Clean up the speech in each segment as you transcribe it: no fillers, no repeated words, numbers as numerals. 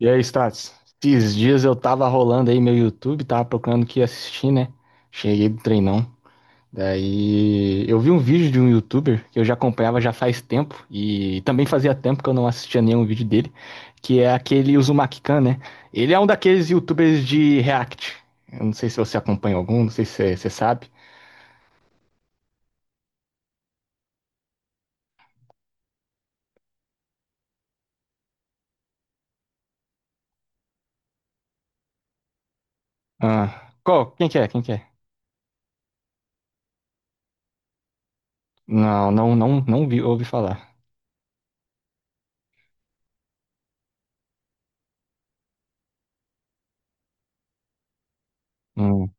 E aí, Stats? Esses dias eu tava rolando aí meu YouTube, tava procurando o que assistir, né? Cheguei do treinão. Daí eu vi um vídeo de um YouTuber que eu já acompanhava já faz tempo, e também fazia tempo que eu não assistia nenhum vídeo dele, que é aquele Uzumaki Khan, né? Ele é um daqueles YouTubers de React. Eu não sei se você acompanha algum, não sei se você sabe. Ah, qual? Quem que é? Quem que é? Não, não, não, não vi, ouvi falar. Hum.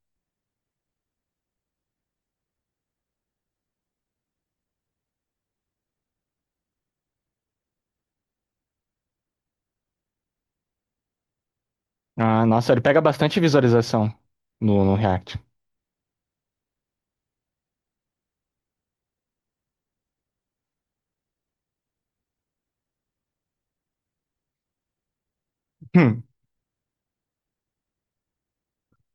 Ah, nossa, ele pega bastante visualização no React.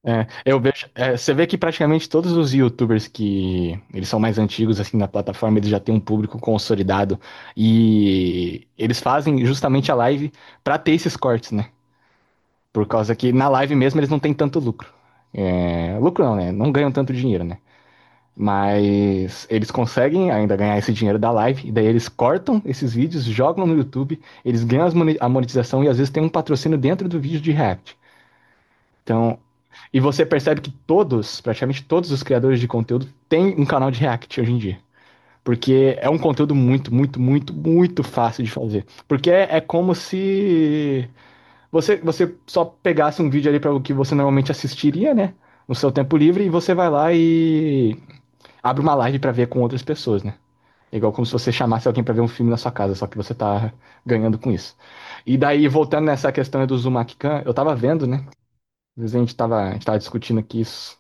É, eu vejo, é, você vê que praticamente todos os YouTubers que eles são mais antigos assim na plataforma, eles já têm um público consolidado e eles fazem justamente a live pra ter esses cortes, né? Por causa que na live mesmo eles não têm tanto lucro. É, lucro não, né? Não ganham tanto dinheiro, né? Mas eles conseguem ainda ganhar esse dinheiro da live, e daí eles cortam esses vídeos, jogam no YouTube, eles ganham as a monetização e às vezes tem um patrocínio dentro do vídeo de React. Então, e você percebe que todos, praticamente todos os criadores de conteúdo têm um canal de React hoje em dia. Porque é um conteúdo muito, muito, muito, muito fácil de fazer. Porque é, é como se você só pegasse um vídeo ali para o que você normalmente assistiria, né? No seu tempo livre, e você vai lá e abre uma live para ver com outras pessoas, né? É igual como se você chamasse alguém para ver um filme na sua casa, só que você tá ganhando com isso. E daí, voltando nessa questão do Zumakkan, eu tava vendo, né? Às vezes a gente tava discutindo aqui isso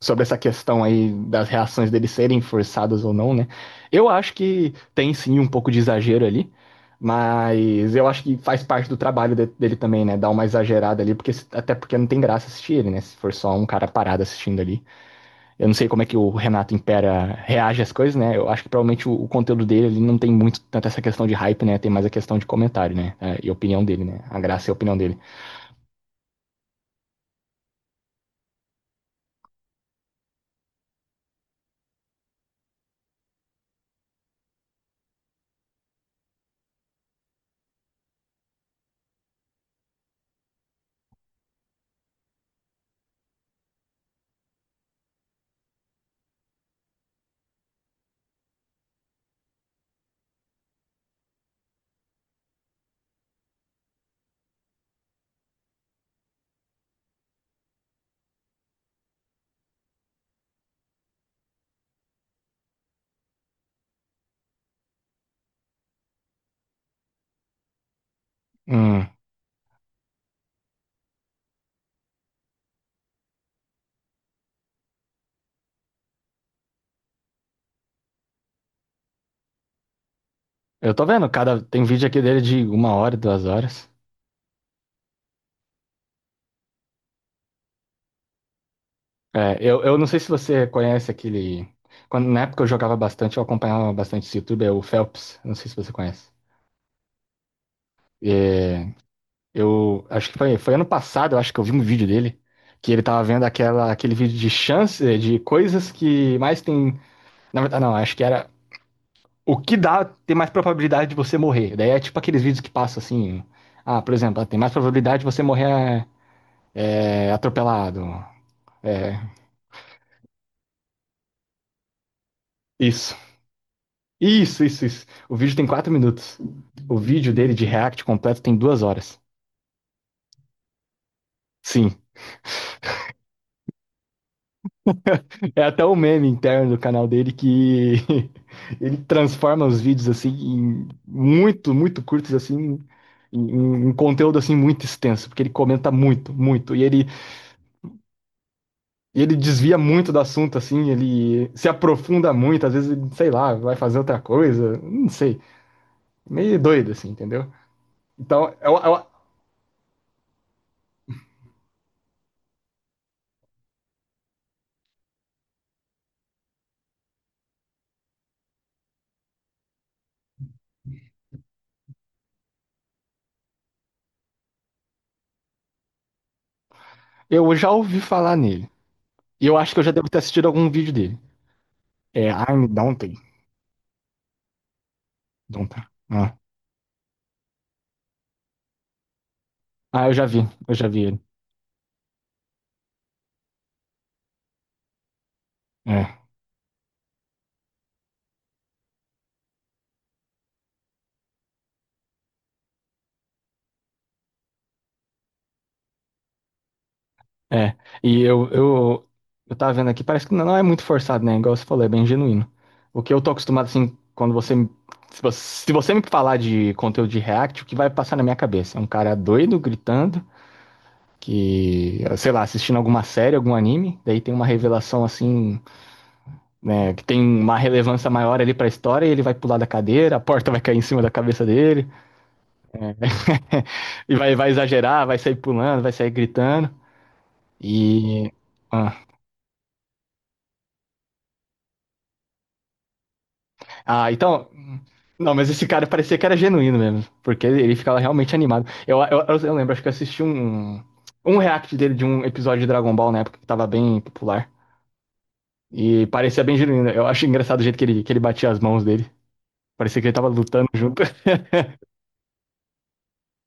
sobre essa questão aí das reações deles serem forçadas ou não, né? Eu acho que tem sim um pouco de exagero ali, mas eu acho que faz parte do trabalho dele também, né? Dar uma exagerada ali, porque até porque não tem graça assistir ele, né? Se for só um cara parado assistindo ali. Eu não sei como é que o Renato Impera reage às coisas, né? Eu acho que provavelmente o conteúdo dele ali não tem muito tanto essa questão de hype, né? Tem mais a questão de comentário, né? É, e opinião dele, né? A graça é a opinião dele. Hum. Eu tô vendo, cada tem vídeo aqui dele de 1 hora, 2 horas. É, eu não sei se você conhece aquele. Quando, na época eu jogava bastante, eu acompanhava bastante esse YouTube, é o Phelps. Não sei se você conhece. É, eu acho que foi, foi ano passado, eu acho que eu vi um vídeo dele, que ele tava vendo aquela, aquele vídeo de chance, de coisas que mais tem. Na verdade, não, acho que era o que dá tem mais probabilidade de você morrer. Daí é tipo aqueles vídeos que passam assim. Ah, por exemplo, ah, tem mais probabilidade de você morrer é, é, atropelado. É, isso. Isso, isso, isso. O vídeo tem 4 minutos. O vídeo dele de React completo tem 2 horas. Sim. É até o meme interno do canal dele que ele transforma os vídeos assim em muito, muito curtos assim em, em um conteúdo assim muito extenso, porque ele comenta muito, muito e ele desvia muito do assunto assim, ele se aprofunda muito, às vezes, ele, sei lá, vai fazer outra coisa, não sei. Meio doido assim, entendeu? Então, eu já ouvi falar nele. E eu acho que eu já devo ter assistido algum vídeo dele. É, I'm Dante. Dante. Ah. Ah, eu já vi ele. É, é. E eu tava vendo aqui, parece que não é muito forçado, né? Igual você falou, é bem genuíno. O que eu tô acostumado, assim, quando você. Se você, se você me falar de conteúdo de React, o que vai passar na minha cabeça? É um cara doido, gritando, que, sei lá, assistindo alguma série, algum anime, daí tem uma revelação, assim, né, que tem uma relevância maior ali pra história, e ele vai pular da cadeira, a porta vai cair em cima da cabeça dele. E vai, vai exagerar, vai sair pulando, vai sair gritando. E. Ah. Ah, então. Não, mas esse cara parecia que era genuíno mesmo. Porque ele ficava realmente animado. Eu lembro, acho que eu assisti um, um react dele de um episódio de Dragon Ball na época que tava bem popular. E parecia bem genuíno. Eu acho engraçado o jeito que ele batia as mãos dele. Parecia que ele tava lutando junto.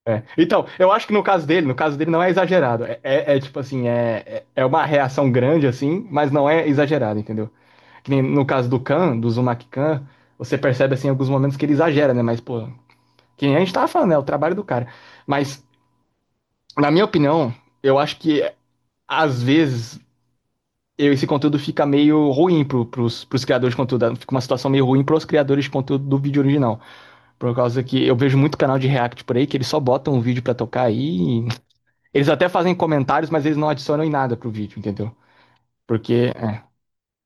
É. Então, eu acho que no caso dele, no caso dele não é exagerado. É, é tipo assim, é, é é uma reação grande, assim, mas não é exagerado, entendeu? Que nem no caso do Khan, do Uzumaki Khan, você percebe assim em alguns momentos que ele exagera, né? Mas, pô, quem a gente tava falando, é o trabalho do cara. Mas, na minha opinião, eu acho que às vezes esse conteúdo fica meio ruim pros criadores de conteúdo. Fica uma situação meio ruim pros criadores de conteúdo do vídeo original. Por causa que eu vejo muito canal de React por aí que eles só botam um vídeo pra tocar aí. Eles até fazem comentários, mas eles não adicionam em nada pro vídeo, entendeu? Porque. É.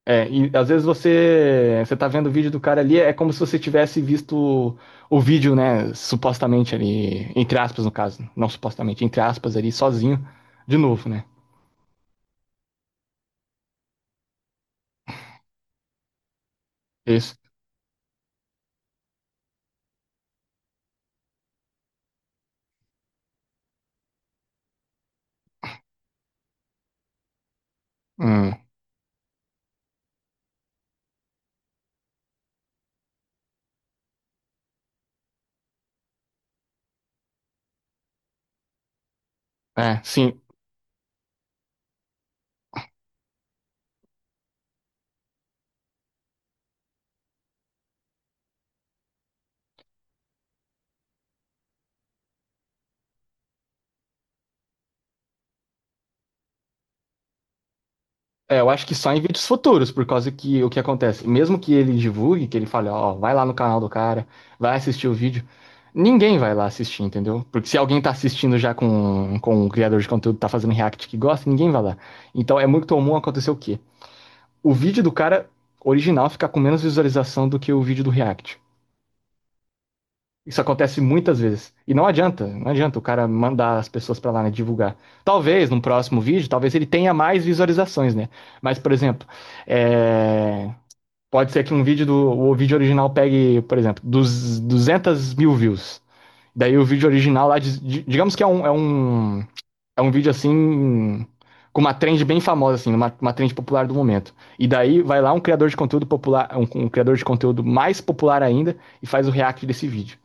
É, e às vezes você tá vendo o vídeo do cara ali, é como se você tivesse visto o vídeo, né, supostamente ali, entre aspas no caso, não supostamente, entre aspas ali, sozinho, de novo, né? Isso. Hum, é, sim. É, eu acho que só em vídeos futuros, por causa que o que acontece, mesmo que ele divulgue, que ele fale, ó, vai lá no canal do cara, vai assistir o vídeo, ninguém vai lá assistir, entendeu? Porque se alguém tá assistindo já com o criador de conteúdo, tá fazendo react que gosta, ninguém vai lá. Então é muito comum acontecer o quê? O vídeo do cara original fica com menos visualização do que o vídeo do React. Isso acontece muitas vezes. E não adianta, não adianta o cara mandar as pessoas para lá, né, divulgar. Talvez num próximo vídeo, talvez ele tenha mais visualizações, né? Mas, por exemplo, é... Pode ser que um vídeo do o vídeo original pegue, por exemplo, dos 200 mil views. Daí o vídeo original lá, digamos que é um, é um é um vídeo assim, com uma trend bem famosa, assim, uma trend popular do momento. E daí vai lá um criador de conteúdo popular, um criador de conteúdo mais popular ainda e faz o react desse vídeo.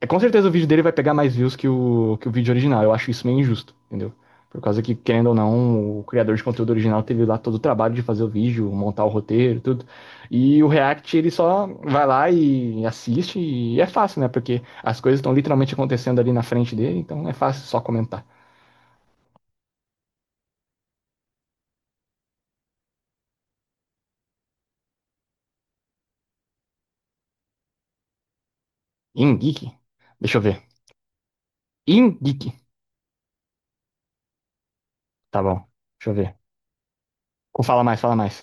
É, com certeza o vídeo dele vai pegar mais views que o vídeo original. Eu acho isso meio injusto, entendeu? Por causa que, querendo ou não, o criador de conteúdo original teve lá todo o trabalho de fazer o vídeo, montar o roteiro, tudo. E o React, ele só vai lá e assiste e é fácil, né? Porque as coisas estão literalmente acontecendo ali na frente dele, então é fácil só comentar. Ingeek? Deixa eu ver. Ingeek. Tá bom. Deixa eu ver. Ou fala mais, fala mais.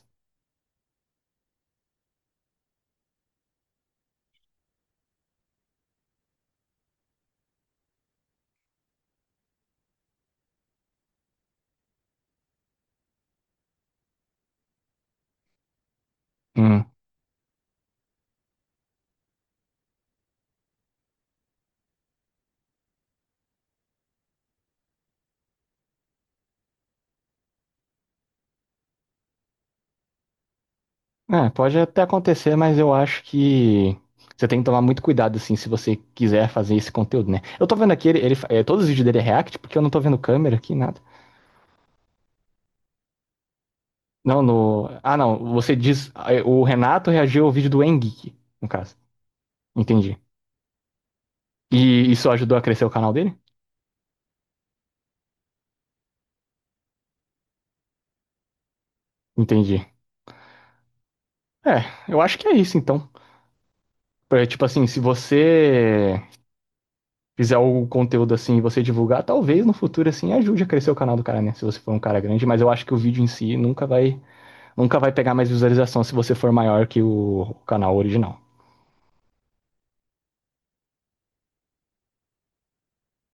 Hum. É, pode até acontecer, mas eu acho que você tem que tomar muito cuidado, assim, se você quiser fazer esse conteúdo, né? Eu tô vendo aqui, ele é, todos os vídeos dele é React, porque eu não tô vendo câmera aqui, nada. Não, no. Ah, não. Você diz. É, o Renato reagiu ao vídeo do Engeek, no caso. Entendi. E isso ajudou a crescer o canal dele? Entendi. É, eu acho que é isso, então. É, tipo assim, se você fizer o conteúdo assim e você divulgar, talvez no futuro assim ajude a crescer o canal do cara, né? Se você for um cara grande, mas eu acho que o vídeo em si nunca vai, nunca vai pegar mais visualização se você for maior que o canal original.